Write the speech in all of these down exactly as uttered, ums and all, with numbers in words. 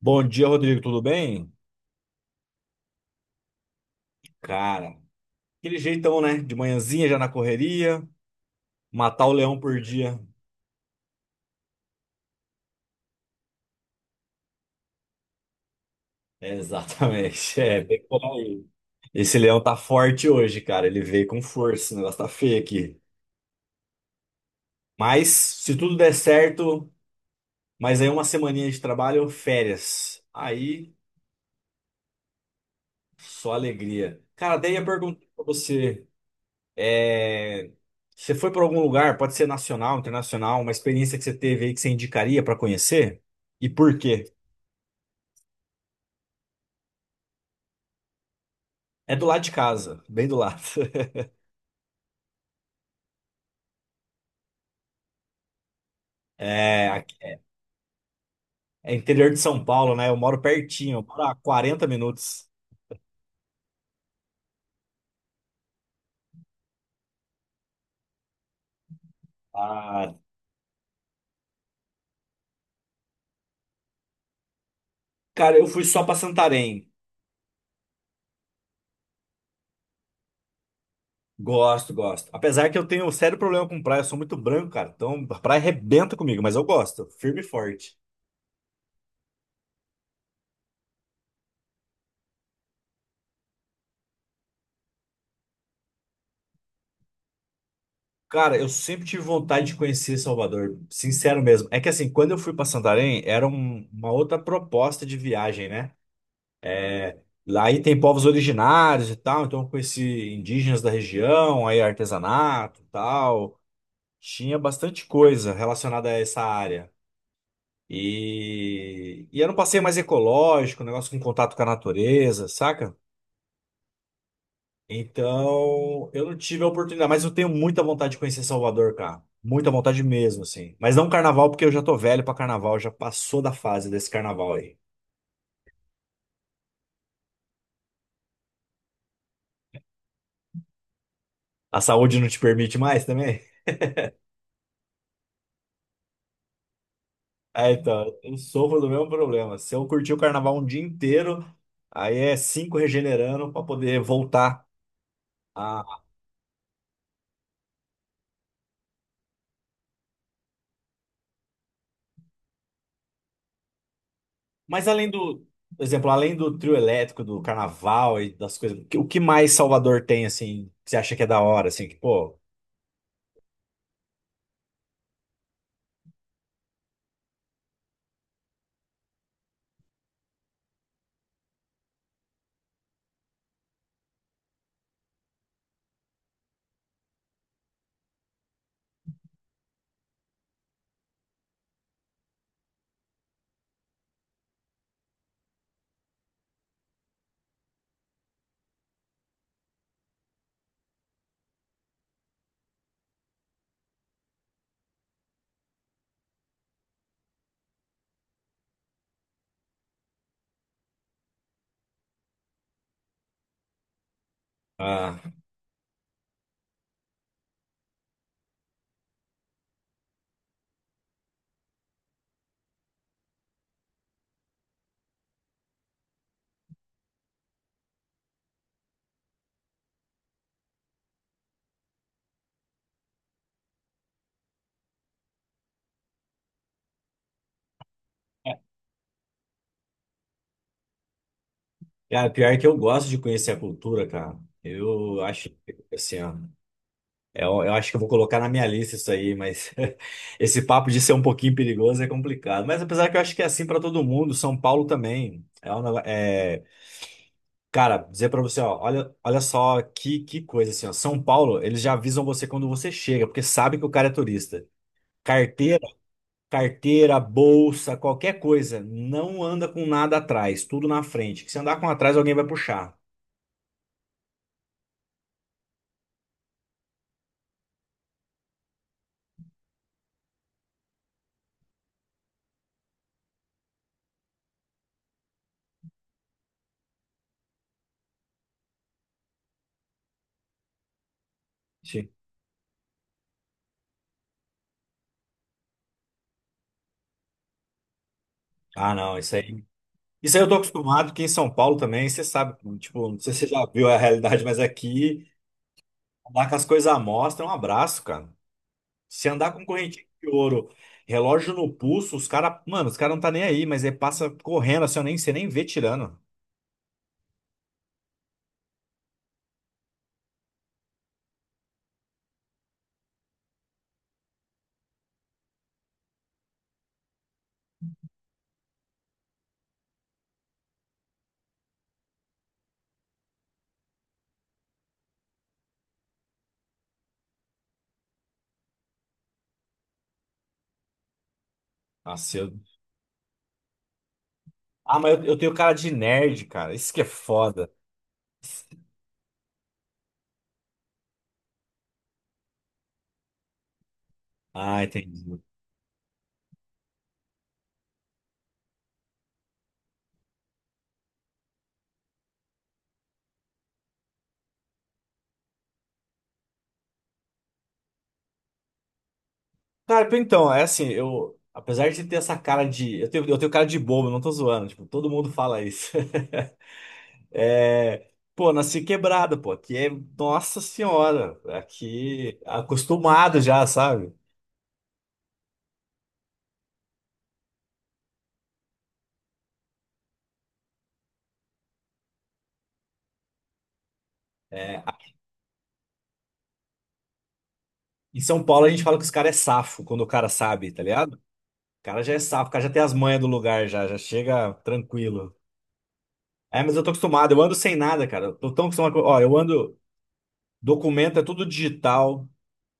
Bom dia, Rodrigo, tudo bem? Cara, aquele jeitão, né? De manhãzinha já na correria, matar o leão por dia. É, exatamente, é, bem por aí. Esse leão tá forte hoje, cara, ele veio com força, o negócio tá feio aqui. Mas, se tudo der certo, mas aí uma semaninha de trabalho, férias. Aí, só alegria. Cara, daí ia perguntar pra você, é... você foi para algum lugar, pode ser nacional, internacional, uma experiência que você teve aí que você indicaria pra conhecer? E por quê? É do lado de casa, bem do lado. É, aqui- é interior de São Paulo, né? Eu moro pertinho, eu moro a quarenta minutos. Ah, cara, eu fui só pra Santarém. Gosto, gosto. Apesar que eu tenho um sério problema com praia, eu sou muito branco, cara. Então a praia arrebenta comigo, mas eu gosto, firme e forte. Cara, eu sempre tive vontade de conhecer Salvador, sincero mesmo. É que assim, quando eu fui pra Santarém, era um- uma outra proposta de viagem, né? Lá aí tem povos originários e tal, então eu conheci indígenas da região, aí artesanato e tal. Tinha bastante coisa relacionada a essa área. E, e era um passeio mais ecológico, um negócio com contato com a natureza, saca? Então eu não tive a oportunidade, mas eu tenho muita vontade de conhecer Salvador, cara. Muita vontade mesmo, assim. Mas não carnaval, porque eu já tô velho pra carnaval, já passou da fase desse carnaval aí. A saúde não te permite mais também? É, então, eu sofro do mesmo problema. Se eu curtir o carnaval um dia inteiro, aí é cinco regenerando para poder voltar a. Mas além do, por exemplo, além do trio elétrico, do carnaval e das coisas, o que o que mais Salvador tem, assim, que você acha que é da hora, assim, que, pô. Ah, cara, pior que eu gosto de conhecer a cultura, cara. Eu acho, assim, ó. É, Eu, eu acho que eu vou colocar na minha lista isso aí, mas esse papo de ser um pouquinho perigoso é complicado. Mas apesar que eu acho que é assim para todo mundo, São Paulo também. É um nego- é, cara, dizer para você, ó, olha, olha só que, que coisa assim, ó. São Paulo, eles já avisam você quando você chega, porque sabe que o cara é turista. Carteira, carteira, bolsa, qualquer coisa, não anda com nada atrás, tudo na frente. Que se andar com atrás, alguém vai puxar. Sim. Ah, não, isso aí. Isso aí eu tô acostumado, que em São Paulo também, você sabe, tipo, não sei se você já viu a realidade, mas aqui, andar com as coisas à mostra é um abraço, cara. Se andar com correntinha de ouro, relógio no pulso, os caras, mano, os caras não tá nem aí, mas ele passa correndo, assim, eu nem, você nem vê tirando. Nossa, eu... Ah, mas eu, eu tenho cara de nerd, cara, isso que é foda. Ah, entendi. Cara, tipo, então, é assim, eu, apesar de ter essa cara de, eu tenho, eu tenho cara de bobo, não tô zoando, tipo, todo mundo fala isso. É, pô, nasci quebrada, pô. Aqui é, nossa senhora, aqui acostumado já, sabe? É, em São Paulo a gente fala que os caras é safo quando o cara sabe, tá ligado? O cara já é safo, o cara já tem as manhas do lugar já, já chega tranquilo. É, mas eu tô acostumado, eu ando sem nada, cara. Eu tô tão acostumado. com- Ó, eu ando, documento é tudo digital,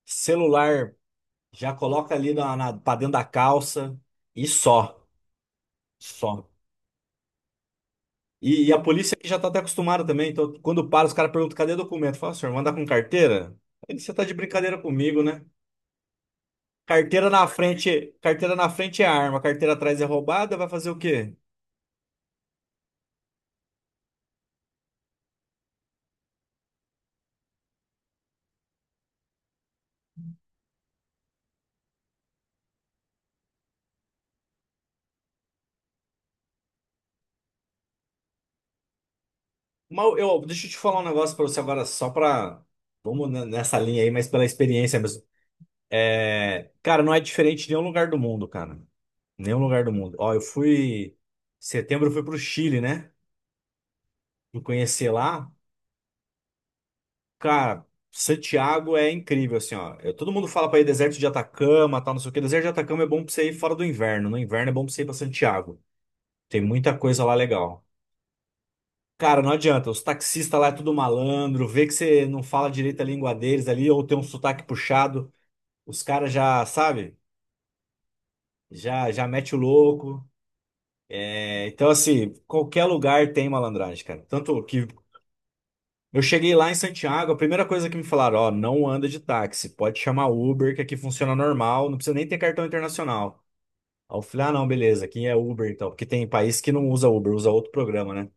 celular já coloca ali na, na, pra dentro da calça e só. Só. E, e a polícia aqui já tá até acostumada também. Então, quando para, os caras perguntam, cadê documento? Fala, senhor, manda com carteira? Aí você tá de brincadeira comigo, né? Carteira na frente, carteira na frente é arma, carteira atrás é roubada, vai fazer o quê? Mas eu, deixa eu te falar um negócio pra você agora, só pra. Vamos ne- nessa linha aí, mas pela experiência mesmo. É, cara, não é diferente em nenhum lugar do mundo, cara. Nenhum lugar do mundo. Ó, eu fui. Setembro eu fui pro Chile, né? Fui conhecer lá. Cara, Santiago é incrível, assim, ó. Eu- todo mundo fala pra ir deserto de Atacama, tal, não sei o quê. Deserto de Atacama é bom pra você ir fora do inverno. No inverno é bom pra você ir pra Santiago. Tem muita coisa lá legal. Cara, não adianta. Os taxistas lá é tudo malandro. Vê que você não fala direito a língua deles ali, ou tem um sotaque puxado. Os caras já, sabe? Já, já mete o louco. É, então, assim, qualquer lugar tem malandragem, cara. Tanto que eu cheguei lá em Santiago, a primeira coisa que me falaram, ó, não anda de táxi, pode chamar Uber, que aqui funciona normal, não precisa nem ter cartão internacional. Aí eu falei, ah, não, beleza, aqui é Uber então, porque tem país que não usa Uber, usa outro programa, né?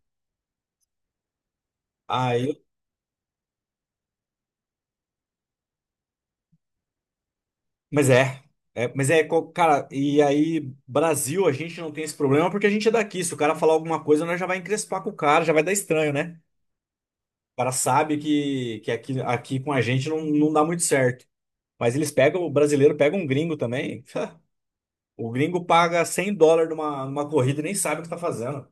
Aí, mas é, é, mas é, co- cara, e aí, Brasil, a gente não tem esse problema porque a gente é daqui, se o cara falar alguma coisa, nós já vai encrespar com o cara, já vai dar estranho, né? O cara sabe que, que aqui, aqui com a gente não, não dá muito certo. Mas eles pegam, o brasileiro pega um gringo também. O gringo paga cem dólares numa, numa corrida e nem sabe o que tá fazendo.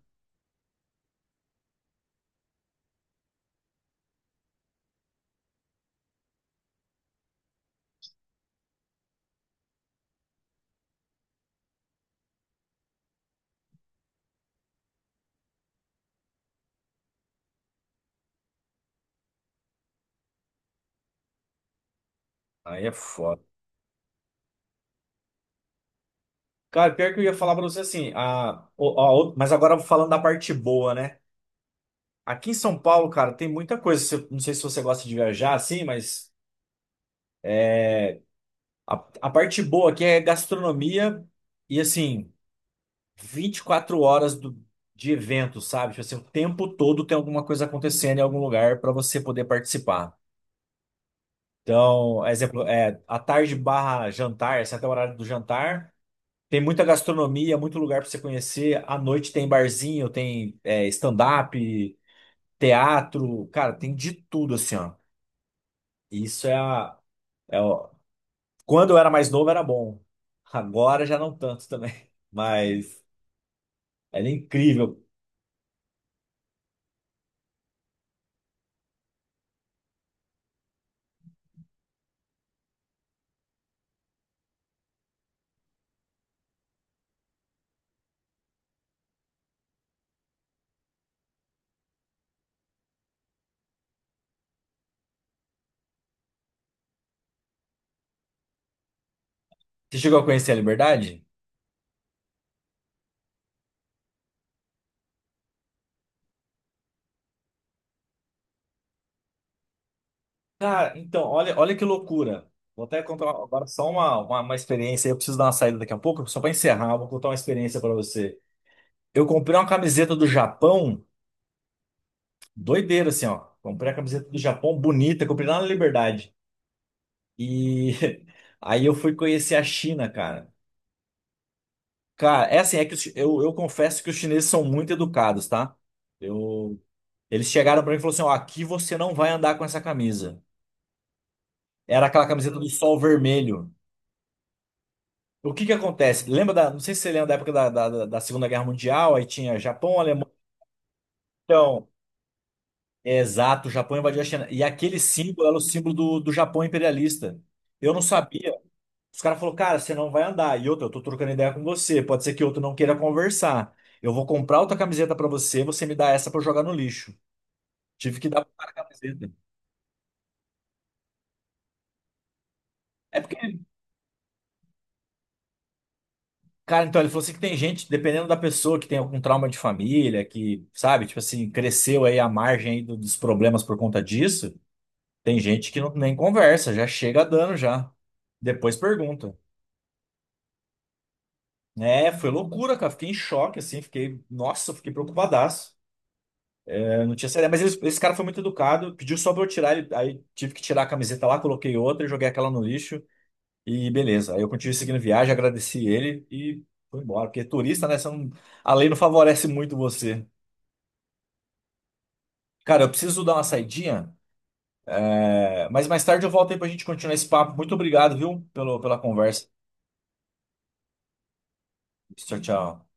Aí é foda. Cara, pior que eu ia falar pra você assim, a, o- a o- mas agora falando da parte boa, né? Aqui em São Paulo, cara, tem muita coisa. Você- Não sei se você gosta de viajar assim, mas a, a parte boa aqui é gastronomia e assim, vinte e quatro horas do, de evento, sabe? Tipo assim, o tempo todo tem alguma coisa acontecendo em algum lugar pra você poder participar. Então, exemplo, é, à tarde barra jantar, esse é até o horário do jantar. Tem muita gastronomia, muito lugar para você conhecer. À noite tem barzinho, tem é, stand-up, teatro, cara, tem de tudo assim, ó. Isso é a, é o- Quando eu era mais novo era bom. Agora já não tanto também. Mas era incrível. Você chegou a conhecer a Liberdade? Cara, então, olha, olha que loucura. Vou até contar agora só uma, uma, uma experiência. Eu preciso dar uma saída daqui a pouco, só para encerrar, vou contar uma experiência para você. Eu comprei uma camiseta do Japão. Doideira, assim, ó. Comprei a camiseta do Japão bonita, comprei lá na Liberdade. E aí eu fui conhecer a China, cara. Cara, é assim, é que os- eu, eu confesso que os chineses são muito educados, tá? Eu, eles chegaram pra mim e falaram assim, ó, aqui você não vai andar com essa camisa. Era aquela camiseta do Hum. sol vermelho. O que que acontece? Lembra da, não sei se você lembra da época da, da, da da Segunda Guerra Mundial, aí tinha Japão, Alemanha. Então, é exato, o Japão invadiu a China. E aquele símbolo era o símbolo do, do Japão imperialista. Eu não sabia. Os caras falaram, cara, você não vai andar. E outra, eu tô trocando ideia com você. Pode ser que outro não queira conversar. Eu vou comprar outra camiseta pra você, você me dá essa pra eu jogar no lixo. Tive que dar pro cara a camiseta. É porque, cara, então ele falou assim que tem gente, dependendo da pessoa, que tem algum trauma de família, que, sabe, tipo assim, cresceu aí à margem aí do- dos problemas por conta disso. Tem gente que não, nem conversa, já chega dando já. Depois pergunta. É, foi loucura, cara. Fiquei em choque, assim, fiquei, nossa, eu fiquei preocupadaço. Não tinha C D, mas eles- esse cara foi muito educado, pediu só pra eu tirar, ele- aí tive que tirar a camiseta lá, coloquei outra, joguei aquela no lixo e beleza. Aí eu continuei seguindo viagem, agradeci ele e fui embora, porque turista, né, você não- a lei não favorece muito você. Cara, eu preciso dar uma saidinha, é, mas mais tarde eu volto aí pra gente continuar esse papo. Muito obrigado, viu, pelo, pela conversa. Tchau, tchau.